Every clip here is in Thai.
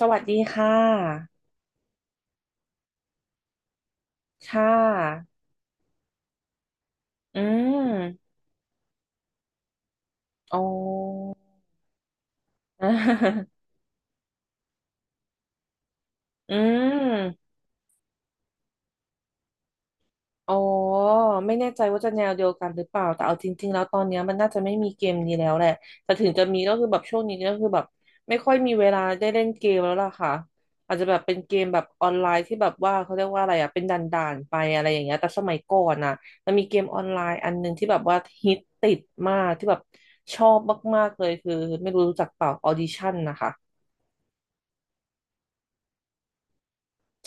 สวัสดีค่ะค่ะอืมอ๋อ อืม อ๋อไม่แน่ใจว่าจะแนวเดียวกันหรือเปล่าแต่เอาจริงๆแล้วตอนเนี้ยมันน่าจะไม่มีเกมนี้แล้วแหละแต่ถึงจะมีก็คือแบบช่วงนี้ก็คือแบบไม่ค่อยมีเวลาได้เล่นเกมแล้วล่ะค่ะอาจจะแบบเป็นเกมแบบออนไลน์ที่แบบว่าเขาเรียกว่าอะไรอ่ะเป็นด่านๆไปอะไรอย่างเงี้ยแต่สมัยก่อนน่ะมันมีเกมออนไลน์อันหนึ่งที่แบบว่าฮิตติดมากที่แบบชอบมากๆเลยคือไม่รู้รู้จักเปล่าออดิชั่นนะคะ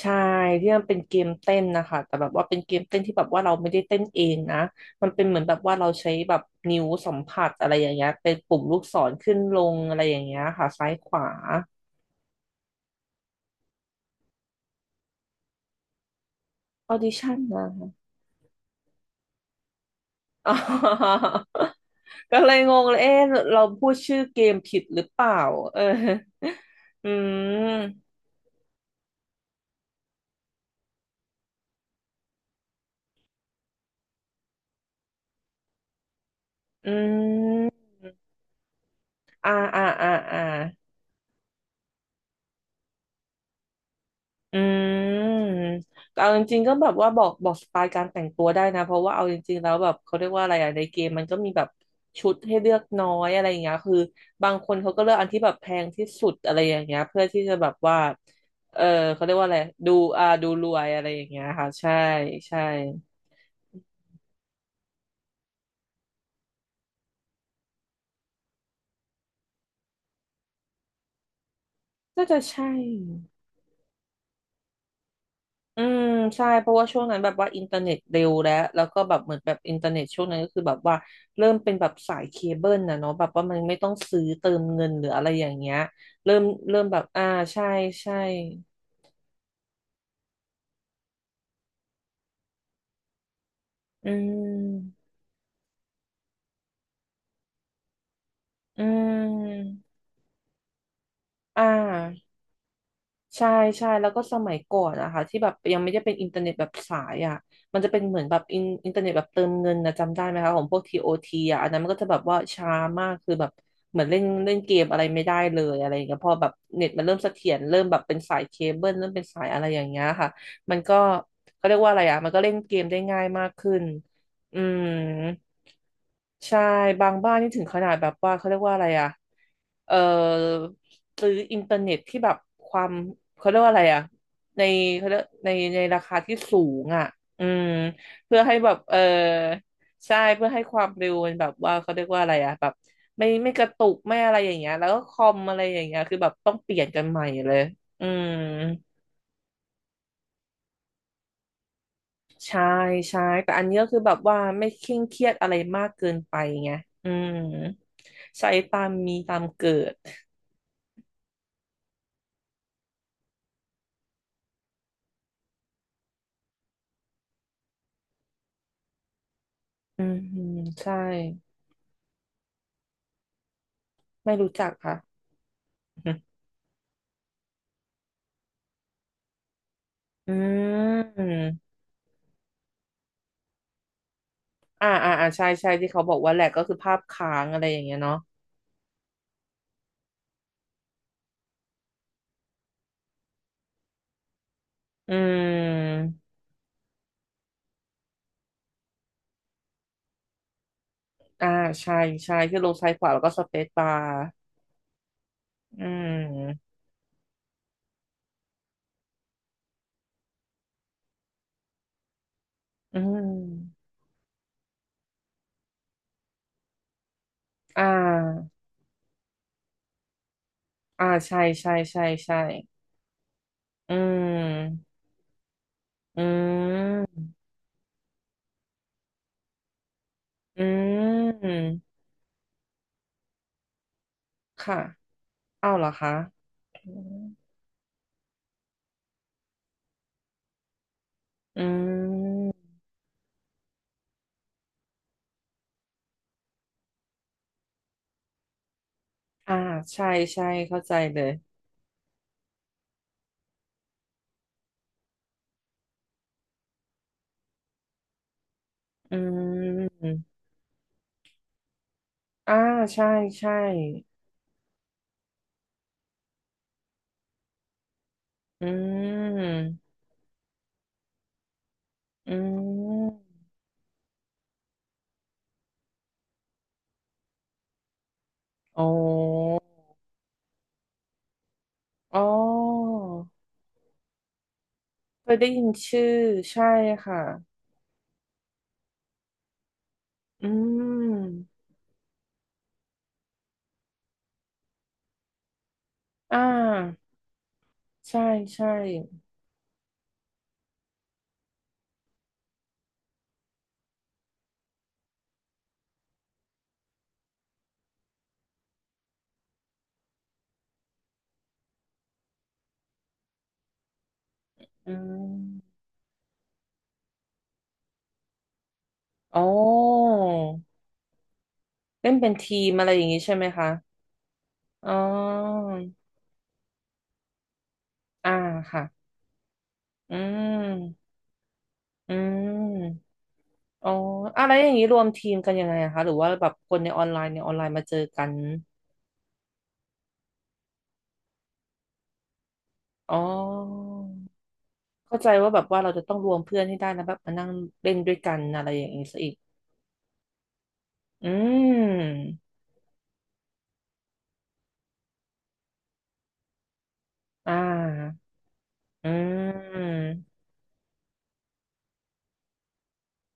ใช่ที่มันเป็นเกมเต้นนะคะแต่แบบว่าเป็นเกมเต้นที่แบบว่าเราไม่ได้เต้นเองนะมันเป็นเหมือนแบบว่าเราใช้แบบนิ้วสัมผัสอะไรอย่างเงี้ยเป็นปุ่มลูกศรขึ้นลงอะไรอย่างเงี้ยค่ะซ้ายขวาออดิชั่นนะ คะอ๋อก็เลยงงเลยเอ๊ะเราพูดชื่อเกมผิดหรือเปล่าเอออืมอืมอ่าอ่าอ่าอ่า อืมเอาจริงๆก็แบบว่าบอกสไตล์การแต่งตัวได้นะเพราะว่าเอาจริงๆแล้วแบบเขาเรียกว่าอะไรอะในเกมมันก็มีแบบชุดให้เลือกน้อยอะไรอย่างเงี้ยคือบางคนเขาก็เลือกอันที่แบบแพงที่สุดอะไรอย่างเงี้ยเพื่อที่จะแบบว่าเออเขาเรียกว่าอะไรดูอ่าดูรวยอะไรอย่างเงี้ยค่ะใช่ใช่น่าจะใช่ อืมใช่เพราะว่าช่วงนั้นแบบว่าอินเทอร์เน็ตเร็วแล้วแล้วก็แบบเหมือนแบบอินเทอร์เน็ตช่วงนั้นก็คือแบบว่าเริ่มเป็นแบบสายเคเบิลนะเนาะแบบว่ามันไม่ต้องซื้อเติมเงินหรืออะไรอย่างเงี้ยเริ่มเริ่มแบบอ่าใช่ใช่อืมอืมอ่า ใช่ใช่แล้วก็สมัยก่อนนะคะที่แบบยังไม่ได้เป็นอินเทอร์เน็ตแบบสายอ่ะมันจะเป็นเหมือนแบบอินเทอร์เน็ตแบบเติมเงินนะจำได้ไหมคะของพวก TOT อทีอ่ะอันนั้นมันก็จะแบบว่าช้ามากคือแบบเหมือนเล่นเล่นเกมอะไรไม่ได้เลยอะไรอย่างเงี้ยพอแบบเน็ตมันเริ่มเสถียรเริ่มแบบเป็นสายเคเบิลเริ่มเป็นสายอะไรอย่างเงี้ยค่ะมันก็เขาเรียกว่าอะไรอ่ะมันก็เล่นเกมได้ง่ายมากขึ้นอืมใช่บางบ้านนี่ถึงขนาดแบบว่าเขาเรียกว่าอะไรอ่ะเออ ซื้ออินเทอร์เน็ตที่แบบความเขาเรียกว่าอะไรอะในเขาเรียกในในราคาที่สูงอ่ะอืมเพื่อให้แบบเออใช่เพื่อให้ความเร็วมันแบบว่าเขาเรียกว่าอะไรอะแบบไม่กระตุกไม่อะไรอย่างเงี้ยแล้วก็คอมอะไรอย่างเงี้ยคือแบบต้องเปลี่ยนกันใหม่เลยอืมใช่ใช่แต่อันนี้ก็คือแบบว่าไม่เคร่งเครียดอะไรมากเกินไปไงอืมใช้ตามมีตามเกิดอืมใช่ไม่รู้จักค่ะ อืมอ่าอ่าอ่าใช่ใช่ที่เขาบอกว่าแหลกก็คือภาพค้างอะไรอย่างเงี้ยเนาะอืมอ่าใช่ใช่ ที่ลงซ้ายขวาแล้วก็สเปซบาร์อืมอืมอ่าอ่าใช่ใช่ใช่ใช่ อืมอืมอืมค่ะเอาเหรอคะอืมอืมอ่าใช่ใช่เข้าใจเลยอืมอ่าใช่ใช่อืม อืมอ๋ออ๋อเคยได้ยินชื่อใช่ค่ะ อืมอ่าใช่ใช่อืมอ๋อเล่นเป็นทีมอะไรอย่างนี้ใช่ไหมคะอ๋ออ่าค่ะอืมอืมอ๋ออะไรอย่างนี้รวมทีมกันยังไงอะคะหรือว่าแบบคนในออนไลน์ในออนไลน์มาเจอกันอ๋อ เข้าใจว่าแบบว่าเราจะต้องรวมเพื่อนให้ได้นะแบบมานั่งเล่นด้วยกันอะไรอย่างนี้ซะอีกอืมอ่าอืม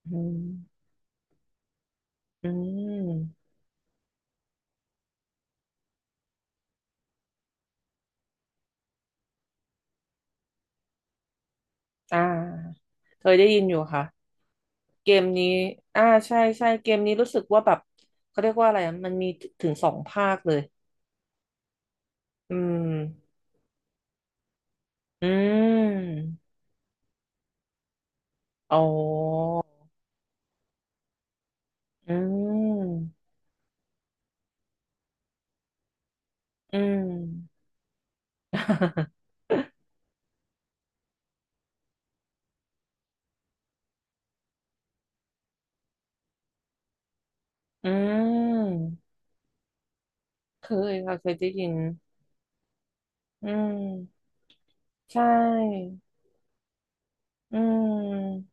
อืมอืมอ่าเคยได้ยินอยู่ค่ะเกมนี้อ่าใช่ใช่เกมนี้รู้สึกว่าแบบเขาเรียกว่าอะไรอะมันมีถึงสองภาคเลยอืมอืมอ๋ออืมอืม อืมเคยค่ะเคยได้ยินอืม ใช่ อืม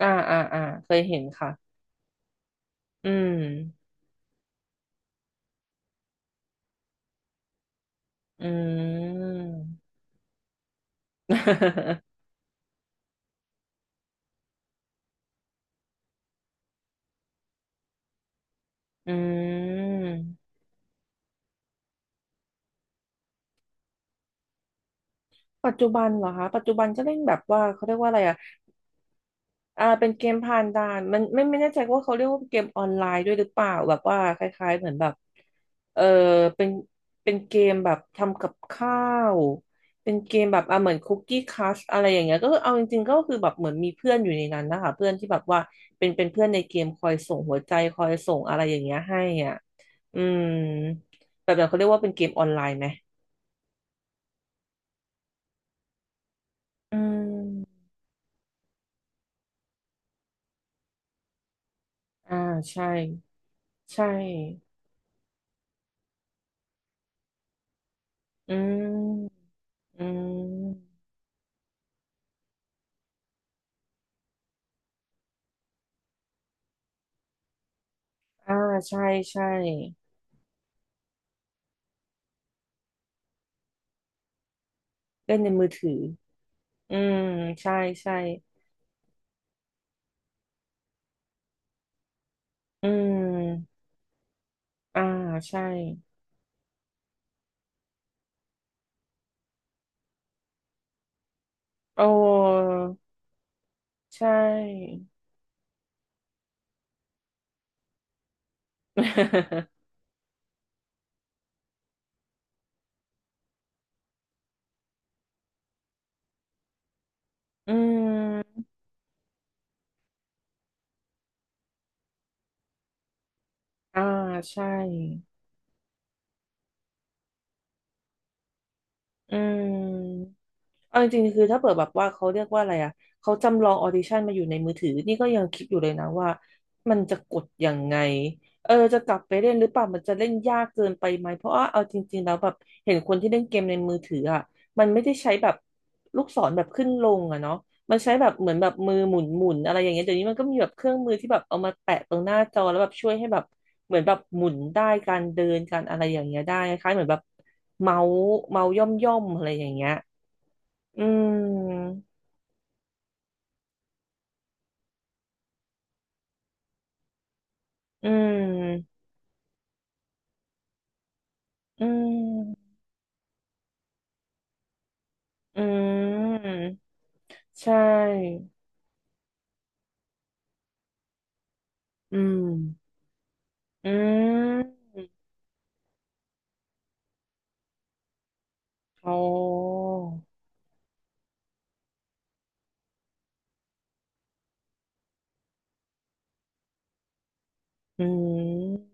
อ่าอ่าอ่าเคยเห็นค่ะอืม อืม อืม ปัจจุบันเหรอคะ ปัจจุบันก็เล่นแบบว่าเขาเรียกว่าอะไรอะ อ่าเป็นเกมผ่านด่านมันไม่แน่ใจว่าเขาเรียกว่าเกมออนไลน์ด้วยหรือเปล่าแบบว่าคล้ายๆเหมือนแบบเออเป็นเป็นเกมแบบทำกับข้าวเป็นเกมแบบอ่าเหมือนคุกกี้คัสอะไรอย่างเงี้ยก็คือเอาจริงๆก็คือแบบเหมือนมีเพื่อนอยู่ในนั้นนะคะเพื่อนที่แบบว่าเป็นเพื่อนในเกมคอยส่งหัวใจคอยส่งอะไรอย่างเงี้ยให้อ่ะอืมแบบนั้นเขาเรียกว่าเป็นเกมออนไลน์ไหมอืมอ่าใช่ใช่อืมอืม อ่าใช่ใช่เล่นในมือถืออืมใช่ใช่อืมอ่าใช่โอ้ใช่ อืมอ่าใช่อืม เอาจริงๆคือถ้าเปิดแบบว่าเขาเรียกว่าอะไรอ่ะเขาจำลองออดิชั่นมาอยู่ในมือถือนี่ก็ยังคิดอยู่เลยนะว่ามันจะกดยังไงเออจะกลับไปเล่นหรือเปล่ามันจะเล่นยากเกินไปไหมเพราะว่าเอาจริงๆแล้วแบบเห็นคนที่เล่นเกมในมือถืออ่ะมันไม่ได้ใช้แบบลูกศรแบบขึ้นลงอ่ะเนาะมันใช้แบบเหมือนแบบมือหมุนอะไรอย่างเงี้ยเดี๋ยวนี้มันก็มีแบบเครื่องมือที่แบบเอามาแปะตรงหน้าจอแล้วแบบช่วยให้แบบเหมือนแบบหมุนได้การเดินการอะไรอย่างเงี้ยได้คล้ายๆเหมือนแบบเมาส์เมาส์ย่อมอะไรอย่างเงี้ย อืมอืมอืมอืมใช่อืมอืมโอ้อืม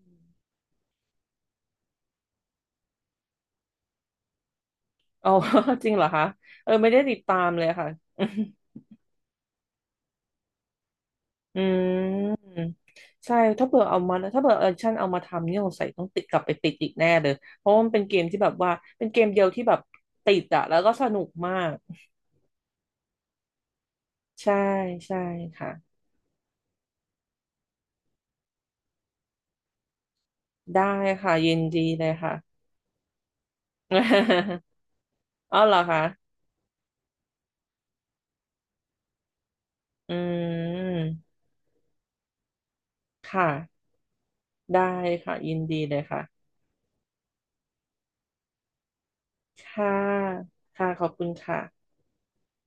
อ๋อ จริงเหรอคะ เออไม่ได้ติดตามเลยค่ะ อืมอืมใช่ถ้าเผื่อเอามาถ้าเผื่อเออชั่นเอามาทำนี่สงสัยต้องติดกลับไปติดอีกแน่เลยเพราะว่ามันเป็นเกมที่แบบว่าเป็นเกมเดียวที่แบบติดอะแล้วก็สนุกมาก ใช่ ใช่ค่ะ ได้ค่ะยินดีเลยค่ะ อ๋อเหรอคะอืม ค่ะ ได้ค่ะยินดีเลยค่ะค่ะ ค่ะ ขอบคุณค่ะ